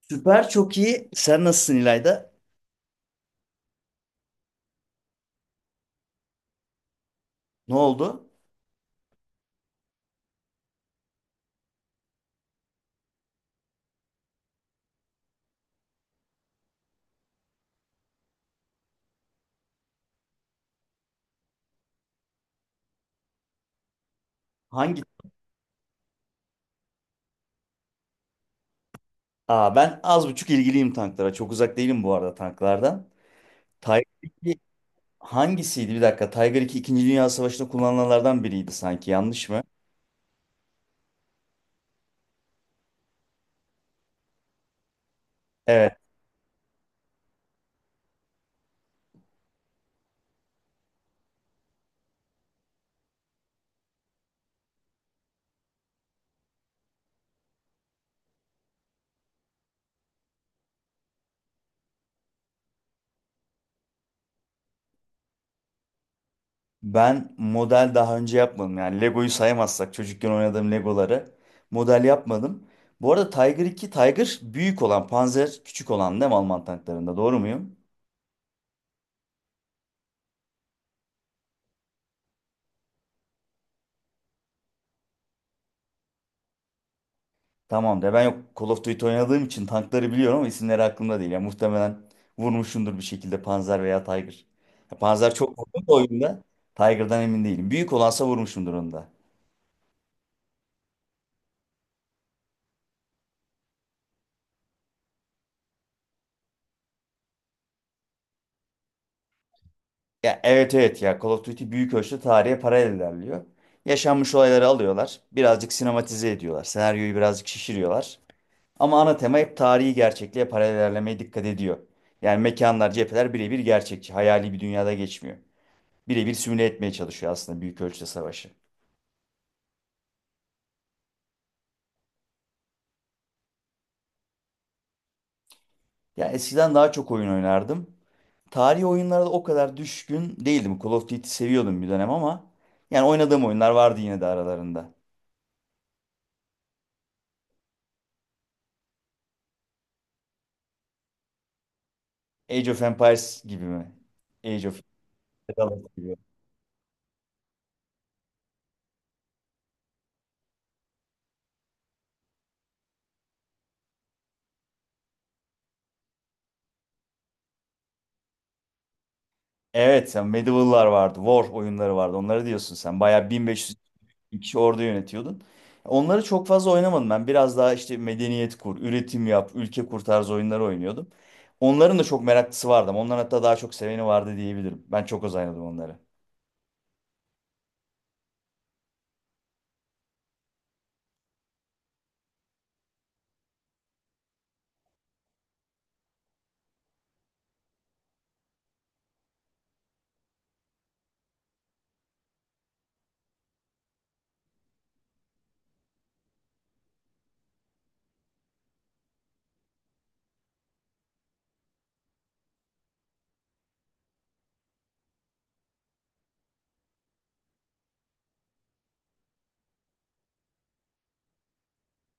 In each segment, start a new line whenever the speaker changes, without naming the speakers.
Süper çok iyi. Sen nasılsın İlayda? Ne oldu? Hangi? Aa, ben az buçuk ilgiliyim tanklara. Çok uzak değilim bu arada tanklardan. Tiger 2 hangisiydi? Bir dakika. Tiger 2 İkinci Dünya Savaşı'nda kullanılanlardan biriydi sanki. Yanlış mı? Evet. Ben model daha önce yapmadım. Yani Lego'yu saymazsak çocukken oynadığım Legoları model yapmadım. Bu arada Tiger 2, Tiger büyük olan, Panzer küçük olan değil mi Alman tanklarında? Doğru muyum? Tamam de ben yok, Call of Duty oynadığım için tankları biliyorum ama isimleri aklımda değil. Ya muhtemelen vurmuşumdur bir şekilde Panzer veya Tiger. Ya Panzer çok vurdum da oyunda. Tiger'dan emin değilim. Büyük olansa vurmuşumdur onu da. Ya evet evet ya, Call of Duty büyük ölçüde tarihe paralel ilerliyor. Yaşanmış olayları alıyorlar. Birazcık sinematize ediyorlar. Senaryoyu birazcık şişiriyorlar. Ama ana tema hep tarihi gerçekliğe paralel ilerlemeye dikkat ediyor. Yani mekanlar, cepheler birebir gerçekçi. Hayali bir dünyada geçmiyor. Birebir simüle etmeye çalışıyor aslında büyük ölçüde savaşı. Ya eskiden daha çok oyun oynardım. Tarihi oyunlara da o kadar düşkün değildim. Call of Duty seviyordum bir dönem ama yani oynadığım oyunlar vardı yine de aralarında. Age of Empires gibi mi? Age of Empires gibi. Evet, sen Medieval'lar vardı, War oyunları vardı. Onları diyorsun sen. Bayağı 1500 kişi orada yönetiyordun. Onları çok fazla oynamadım ben. Biraz daha işte medeniyet kur, üretim yap, ülke kur tarzı oyunları oynuyordum. Onların da çok meraklısı vardı ama onların hatta daha çok seveni vardı diyebilirim. Ben çok az oynadım onları.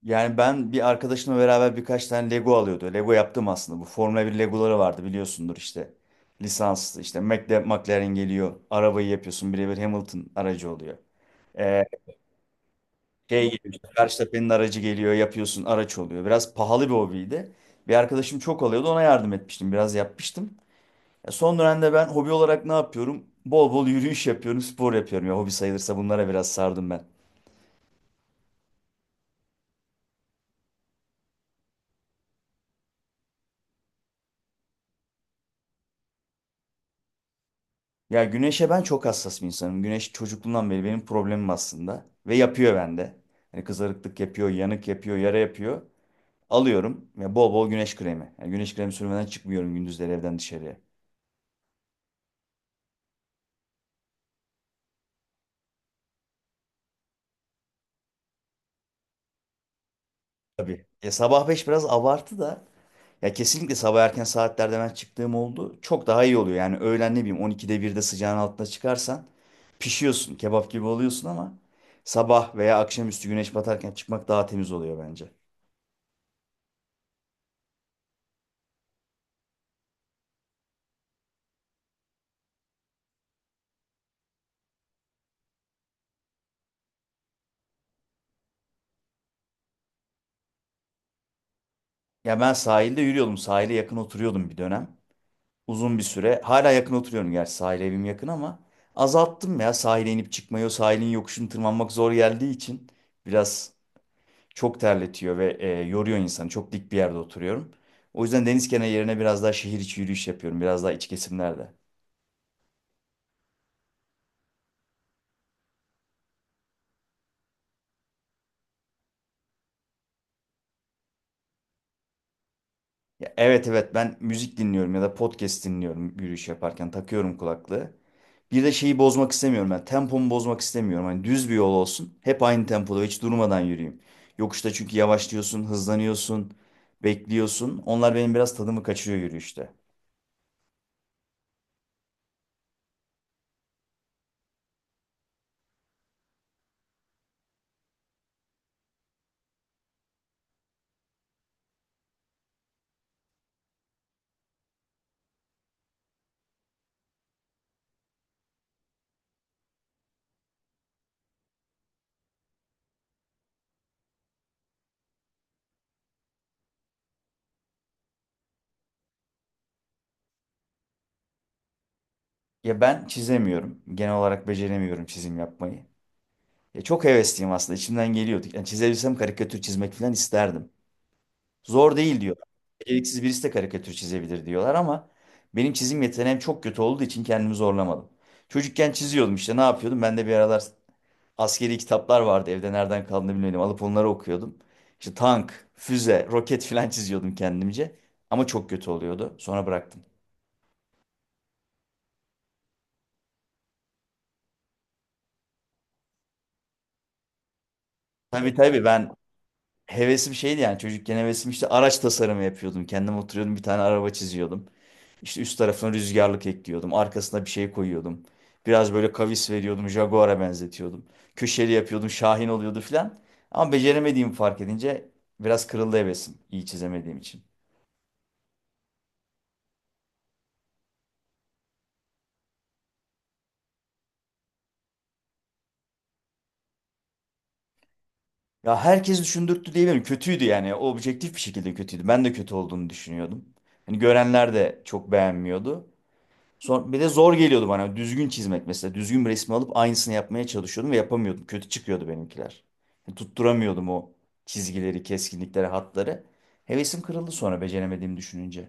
Yani ben bir arkadaşımla beraber birkaç tane Lego alıyordu. Lego yaptım aslında. Bu Formula bir Legoları vardı biliyorsundur işte. Lisanslı işte McLaren geliyor. Arabayı yapıyorsun. Birebir Hamilton aracı oluyor. Ee, şey geliyor güzel. İşte Verstappen'in aracı geliyor. Yapıyorsun araç oluyor. Biraz pahalı bir hobiydi. Bir arkadaşım çok alıyordu. Ona yardım etmiştim. Biraz yapmıştım. Ya son dönemde ben hobi olarak ne yapıyorum? Bol bol yürüyüş yapıyorum. Spor yapıyorum. Ya hobi sayılırsa bunlara biraz sardım ben. Ya güneşe ben çok hassas bir insanım. Güneş çocukluğumdan beri benim problemim aslında. Ve yapıyor bende. Hani kızarıklık yapıyor, yanık yapıyor, yara yapıyor. Alıyorum ve bol bol güneş kremi. Yani güneş kremi sürmeden çıkmıyorum gündüzleri evden dışarıya. Tabii. Ya sabah 5 biraz abartı da. Ya kesinlikle sabah erken saatlerde ben çıktığım oldu. Çok daha iyi oluyor. Yani öğlen ne bileyim 12'de 1'de sıcağın altına çıkarsan pişiyorsun. Kebap gibi oluyorsun ama sabah veya akşamüstü güneş batarken çıkmak daha temiz oluyor bence. Ya ben sahilde yürüyordum. Sahile yakın oturuyordum bir dönem, uzun bir süre. Hala yakın oturuyorum, gerçi sahil evim yakın ama azalttım ya sahile inip çıkmayı. O sahilin yokuşunu tırmanmak zor geldiği için biraz, çok terletiyor ve yoruyor insanı. Çok dik bir yerde oturuyorum. O yüzden deniz kenarı yerine biraz daha şehir içi yürüyüş yapıyorum. Biraz daha iç kesimlerde. Ya, evet evet, ben müzik dinliyorum ya da podcast dinliyorum yürüyüş yaparken, takıyorum kulaklığı. Bir de şeyi bozmak istemiyorum ben. Tempomu bozmak istemiyorum. Hani düz bir yol olsun. Hep aynı tempoda hiç durmadan yürüyeyim. Yokuşta çünkü yavaşlıyorsun, hızlanıyorsun, bekliyorsun. Onlar benim biraz tadımı kaçırıyor yürüyüşte. Ya ben çizemiyorum. Genel olarak beceremiyorum çizim yapmayı. Ya çok hevesliyim aslında. İçimden geliyordu. Yani çizebilsem karikatür çizmek falan isterdim. Zor değil diyor. Beceriksiz birisi de karikatür çizebilir diyorlar ama benim çizim yeteneğim çok kötü olduğu için kendimi zorlamadım. Çocukken çiziyordum işte, ne yapıyordum? Ben de bir aralar askeri kitaplar vardı evde, nereden kaldığını bilmedim. Alıp onları okuyordum. İşte tank, füze, roket filan çiziyordum kendimce. Ama çok kötü oluyordu. Sonra bıraktım. Tabii tabii, ben hevesim şeydi yani, çocukken hevesim işte araç tasarımı yapıyordum. Kendim oturuyordum bir tane araba çiziyordum. İşte üst tarafına rüzgarlık ekliyordum. Arkasına bir şey koyuyordum. Biraz böyle kavis veriyordum. Jaguar'a benzetiyordum. Köşeli yapıyordum. Şahin oluyordu filan. Ama beceremediğimi fark edince biraz kırıldı hevesim, iyi çizemediğim için. Ya herkes düşündürttü diyebilirim. Kötüydü yani. O objektif bir şekilde kötüydü. Ben de kötü olduğunu düşünüyordum. Hani görenler de çok beğenmiyordu. Son, bir de zor geliyordu bana. Düzgün çizmek mesela. Düzgün bir resmi alıp aynısını yapmaya çalışıyordum ve yapamıyordum. Kötü çıkıyordu benimkiler. Yani tutturamıyordum o çizgileri, keskinlikleri, hatları. Hevesim kırıldı sonra, beceremediğimi düşününce.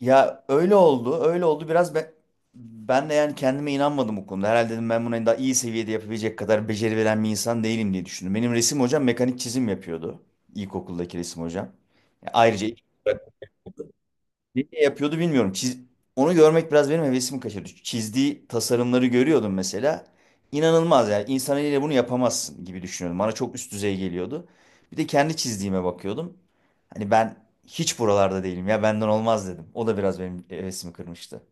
Ya öyle oldu, öyle oldu. Ben de yani kendime inanmadım bu konuda. Herhalde dedim ben bunu daha iyi seviyede yapabilecek kadar beceri veren bir insan değilim diye düşündüm. Benim resim hocam mekanik çizim yapıyordu. İlkokuldaki resim hocam. Ya ayrıca ne yapıyordu bilmiyorum. Onu görmek biraz benim hevesimi kaçırdı. Çizdiği tasarımları görüyordum mesela. İnanılmaz yani. İnsan eliyle bunu yapamazsın gibi düşünüyordum. Bana çok üst düzey geliyordu. Bir de kendi çizdiğime bakıyordum. Hani ben hiç buralarda değilim ya, benden olmaz dedim. O da biraz benim hevesimi kırmıştı.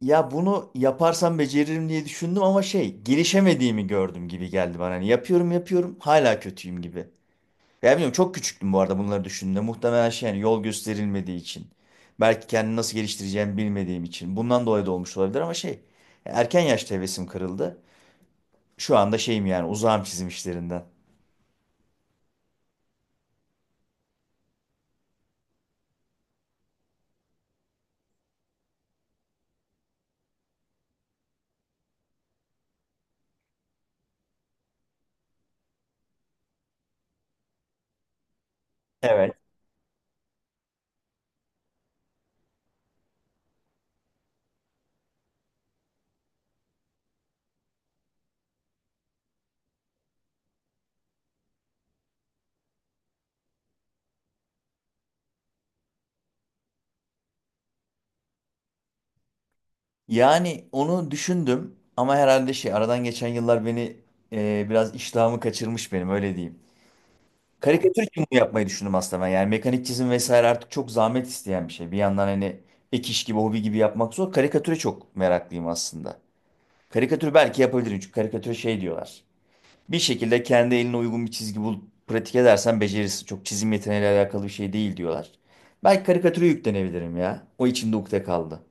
Ya bunu yaparsam beceririm diye düşündüm ama şey, gelişemediğimi gördüm gibi geldi bana. Hani yapıyorum yapıyorum hala kötüyüm gibi. Ya bilmiyorum, çok küçüktüm bu arada bunları düşündüğümde. Muhtemelen şey yani, yol gösterilmediği için. Belki kendini nasıl geliştireceğimi bilmediğim için. Bundan dolayı da olmuş olabilir ama şey, erken yaşta hevesim kırıldı. Şu anda şeyim yani, uzağım çizim işlerinden. Evet. Yani onu düşündüm ama herhalde şey, aradan geçen yıllar beni biraz iştahımı kaçırmış benim, öyle diyeyim. Karikatür için bunu yapmayı düşündüm aslında ben. Yani mekanik çizim vesaire artık çok zahmet isteyen bir şey. Bir yandan hani ek iş gibi hobi gibi yapmak zor. Karikatüre çok meraklıyım aslında. Karikatür belki yapabilirim çünkü karikatüre şey diyorlar. Bir şekilde kendi eline uygun bir çizgi bulup pratik edersen becerirsin. Çok çizim yeteneğiyle alakalı bir şey değil diyorlar. Belki karikatüre yüklenebilirim ya. O içimde ukde kaldı.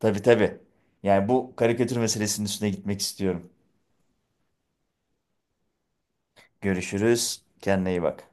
Tabii tabii. Yani bu karikatür meselesinin üstüne gitmek istiyorum. Görüşürüz. Kendine iyi bak.